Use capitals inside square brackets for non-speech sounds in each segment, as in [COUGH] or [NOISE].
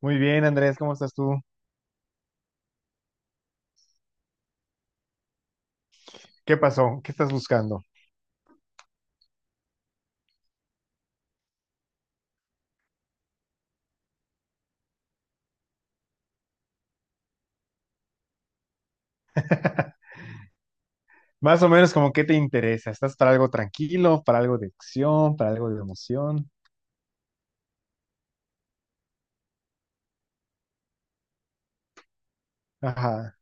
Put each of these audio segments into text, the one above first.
Muy bien, Andrés, ¿cómo estás tú? ¿Qué pasó? ¿Qué estás buscando? [LAUGHS] Más o menos como qué te interesa. ¿Estás para algo tranquilo, para algo de acción, para algo de emoción? Ajá.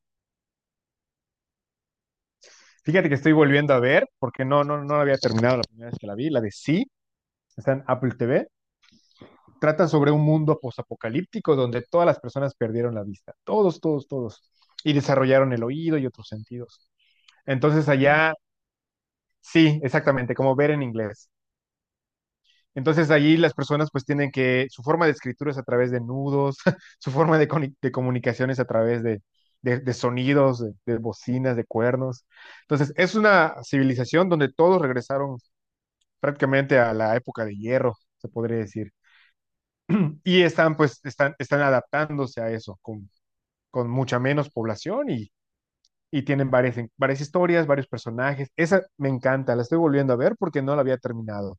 Fíjate que estoy volviendo a ver, porque no, no, no la había terminado la primera vez que la vi, la de Sí, está en Apple TV. Trata sobre un mundo posapocalíptico donde todas las personas perdieron la vista. Todos, todos, todos. Y desarrollaron el oído y otros sentidos. Entonces allá, sí, exactamente, como ver en inglés. Entonces allí las personas pues tienen que, su forma de escritura es a través de nudos. [LAUGHS] Su forma de, de comunicación es a través de, de sonidos, de bocinas, de cuernos. Entonces es una civilización donde todos regresaron prácticamente a la época de hierro, se podría decir. Y están pues, están adaptándose a eso con mucha menos población, y tienen varias historias, varios personajes. Esa me encanta, la estoy volviendo a ver porque no la había terminado.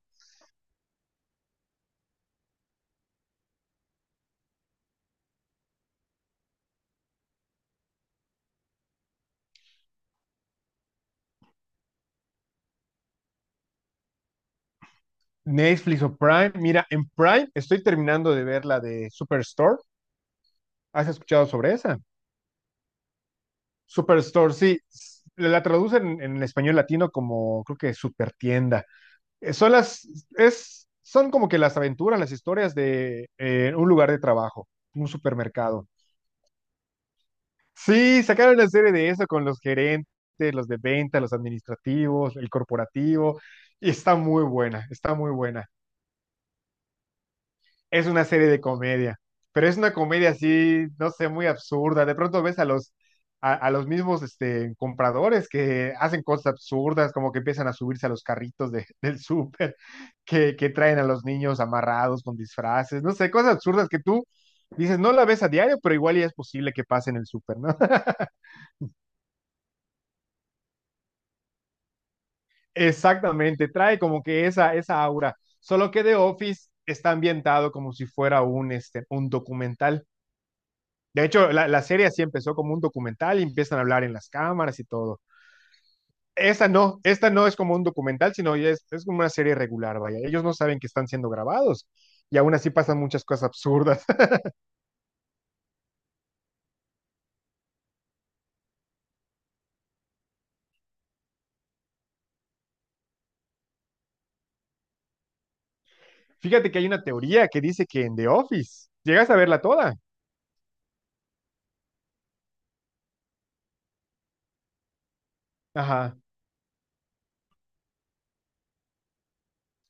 Netflix o Prime. Mira, en Prime estoy terminando de ver la de Superstore. ¿Has escuchado sobre esa? Superstore, sí. La traducen en español latino como, creo que Supertienda. Eh, Son las, son como que las aventuras, las historias de un lugar de trabajo, un supermercado. Sí, sacaron una serie de eso con los gerentes, los de venta, los administrativos, el corporativo. Y está muy buena, está muy buena. Es una serie de comedia, pero es una comedia así, no sé, muy absurda. De pronto ves a los mismos compradores que hacen cosas absurdas, como que empiezan a subirse a los carritos [LAUGHS] del súper, que traen a los niños amarrados con disfraces, no sé, cosas absurdas que tú dices, no la ves a diario, pero igual ya es posible que pase en el súper, ¿no? [LAUGHS] Exactamente, trae como que esa, aura, solo que The Office está ambientado como si fuera un documental. De hecho, la serie así empezó como un documental y empiezan a hablar en las cámaras y todo. Esta no es como un documental, sino ya es como una serie regular, vaya. Ellos no saben que están siendo grabados y aún así pasan muchas cosas absurdas. [LAUGHS] Fíjate que hay una teoría que dice que en The Office, llegas a verla toda. Ajá.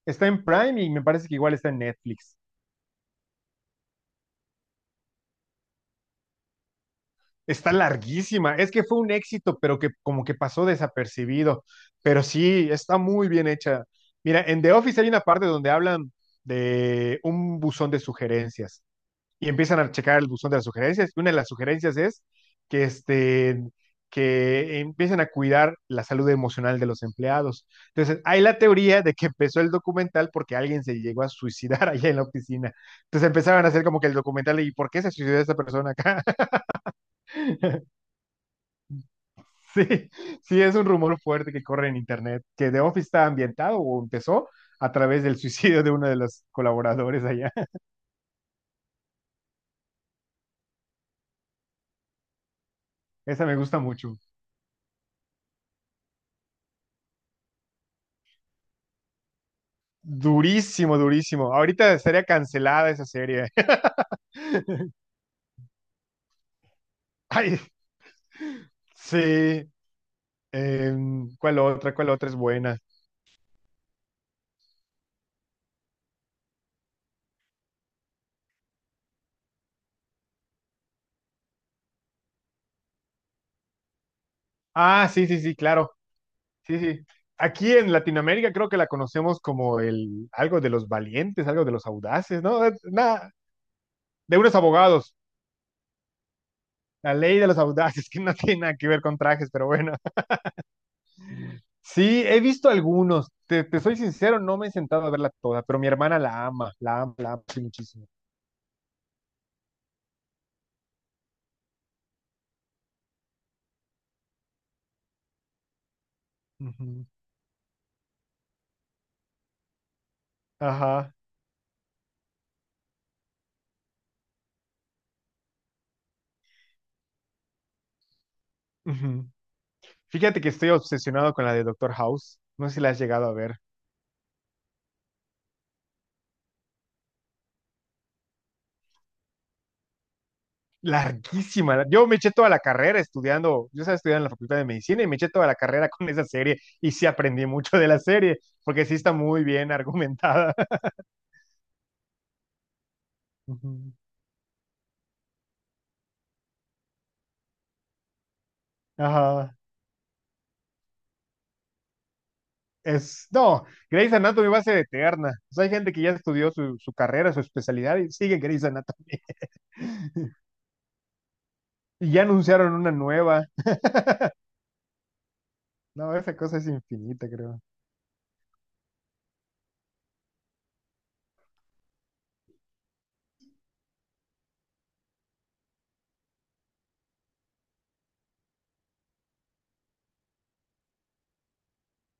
Está en Prime y me parece que igual está en Netflix. Está larguísima. Es que fue un éxito, pero que como que pasó desapercibido. Pero sí, está muy bien hecha. Mira, en The Office hay una parte donde hablan de un buzón de sugerencias y empiezan a checar el buzón de las sugerencias. Y una de las sugerencias es que, este, que empiecen a cuidar la salud emocional de los empleados. Entonces, hay la teoría de que empezó el documental porque alguien se llegó a suicidar [LAUGHS] allá en la oficina. Entonces empezaban a hacer como que el documental, ¿y por qué se suicidó esta persona acá? [LAUGHS] Sí, sí, es un rumor fuerte que corre en internet, que The Office está ambientado o empezó a través del [LAUGHS] suicidio de uno de los colaboradores allá. [LAUGHS] Esa me gusta mucho. Durísimo, durísimo. Ahorita estaría cancelada esa serie. [LAUGHS] Ay, sí. ¿Cuál otra? ¿Cuál otra es buena? Ah, sí, sí, sí, claro. Sí, sí. Aquí en Latinoamérica creo que la conocemos como el algo de los valientes, algo de los audaces, ¿no? Nada, de unos abogados. La ley de los audaces, [LAUGHS] que no tiene nada que ver con trajes, pero bueno. Sí, he visto algunos. Te soy sincero, no me he sentado a verla toda, pero mi hermana la ama, la ama, la ama sí, muchísimo. Ujú. Ajá. Ujú. Fíjate que estoy obsesionado con la de Doctor House. No sé si la has llegado a ver. Larguísima. Yo me eché toda la carrera estudiando. Yo estaba estudiando en la Facultad de Medicina y me eché toda la carrera con esa serie y sí aprendí mucho de la serie, porque sí está muy bien argumentada. Ujú. Ajá. Es, no, Grey's Anatomy va a ser eterna. O sea, hay gente que ya estudió su, carrera, su especialidad y sigue Grey's Anatomy. [LAUGHS] Y ya anunciaron una nueva. No, esa cosa es infinita, creo.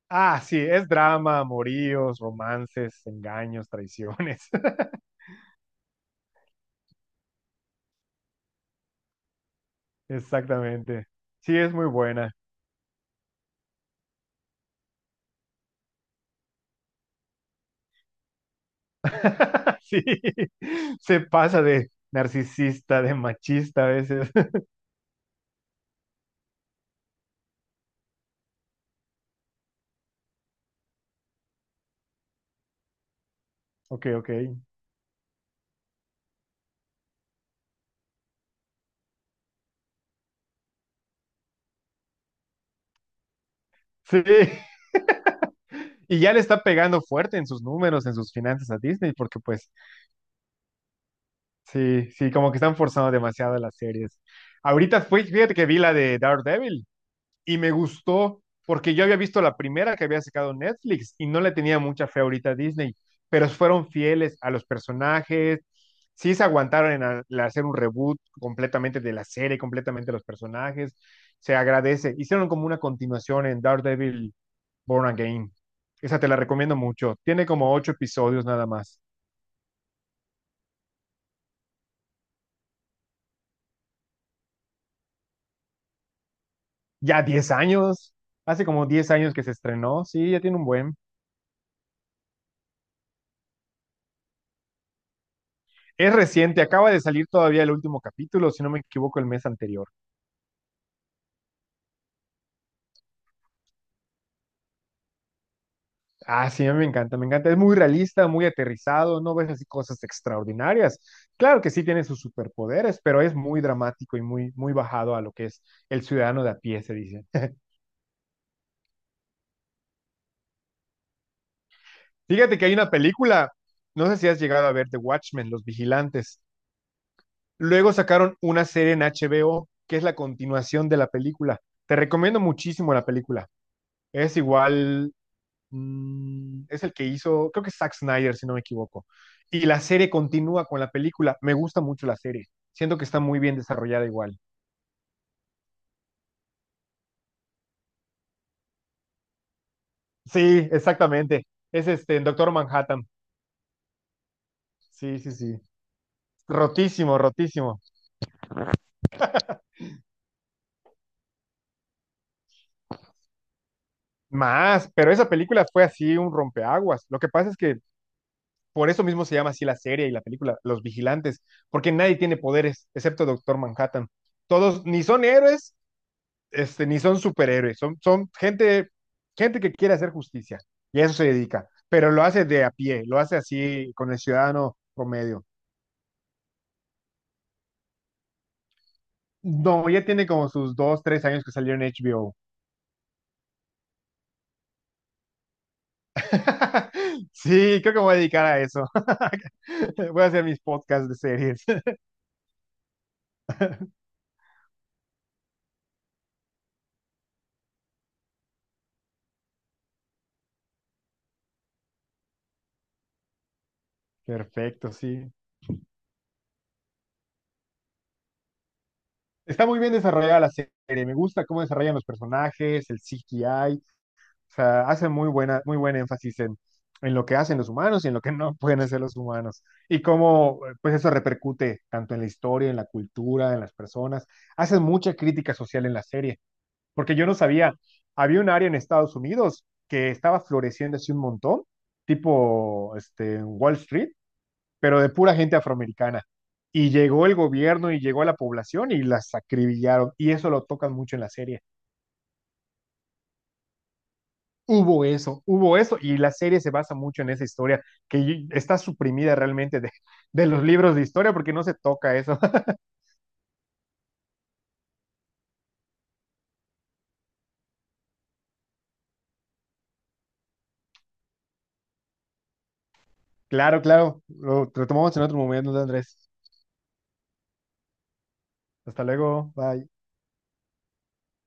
Ah, sí, es drama, amoríos, romances, engaños, traiciones. [LAUGHS] Exactamente. Sí, es muy buena. [LAUGHS] Sí, se pasa de narcisista, de machista a veces. [LAUGHS] Ok, ok. Sí. [LAUGHS] Y ya le está pegando fuerte en sus números, en sus finanzas a Disney, porque pues. Sí, sí, como que están forzando demasiado las series. Ahorita fui, fíjate que vi la de Daredevil y me gustó porque yo había visto la primera que había sacado Netflix y no le tenía mucha fe ahorita a Disney, pero fueron fieles a los personajes, sí se aguantaron en en hacer un reboot completamente de la serie, completamente de los personajes, se agradece. Hicieron como una continuación en Daredevil Born Again. Esa te la recomiendo mucho. Tiene como ocho episodios nada más. Ya 10 años, hace como 10 años que se estrenó, sí, ya tiene un buen. Es reciente, acaba de salir todavía el último capítulo, si no me equivoco, el mes anterior. Ah, sí, a mí me encanta, me encanta. Es muy realista, muy aterrizado, no ves así cosas extraordinarias. Claro que sí tiene sus superpoderes, pero es muy dramático y muy, muy bajado a lo que es el ciudadano de a pie, se dice. Fíjate que hay una película, no sé si has llegado a ver The Watchmen, Los Vigilantes. Luego sacaron una serie en HBO que es la continuación de la película. Te recomiendo muchísimo la película. Es igual, es el que hizo, creo que es Zack Snyder, si no me equivoco. Y la serie continúa con la película. Me gusta mucho la serie. Siento que está muy bien desarrollada igual. Sí, exactamente. Es en Doctor Manhattan. Sí, sí, sí. Rotísimo, rotísimo. Más, pero esa película fue así un rompeaguas. Lo que pasa es que por eso mismo se llama así la serie y la película, Los Vigilantes, porque nadie tiene poderes excepto Doctor Manhattan. Todos ni son héroes ni son superhéroes, son gente, gente que quiere hacer justicia y a eso se dedica, pero lo hace de a pie, lo hace así con el ciudadano promedio. No, ya tiene como sus 2, 3 años que salió en HBO. [LAUGHS] Sí, creo que me voy a dedicar a eso. [LAUGHS] Voy a hacer mis podcasts de series. [LAUGHS] Perfecto, sí. Está muy bien desarrollada la serie. Me gusta cómo desarrollan los personajes, el CGI. O sea, hace muy buen énfasis en lo que hacen los humanos y en lo que no [LAUGHS] pueden hacer los humanos. Y cómo, pues eso repercute tanto en la historia, en la cultura, en las personas. Hacen mucha crítica social en la serie, porque yo no sabía, había un área en Estados Unidos que estaba floreciendo así un montón, tipo Wall Street, pero de pura gente afroamericana. Y llegó el gobierno y llegó a la población y las acribillaron. Y eso lo tocan mucho en la serie. Hubo eso, hubo eso, y la serie se basa mucho en esa historia, que está suprimida realmente de, los libros de historia porque no se toca eso. [LAUGHS] Claro, claro, lo retomamos en otro momento, Andrés. Hasta luego, bye.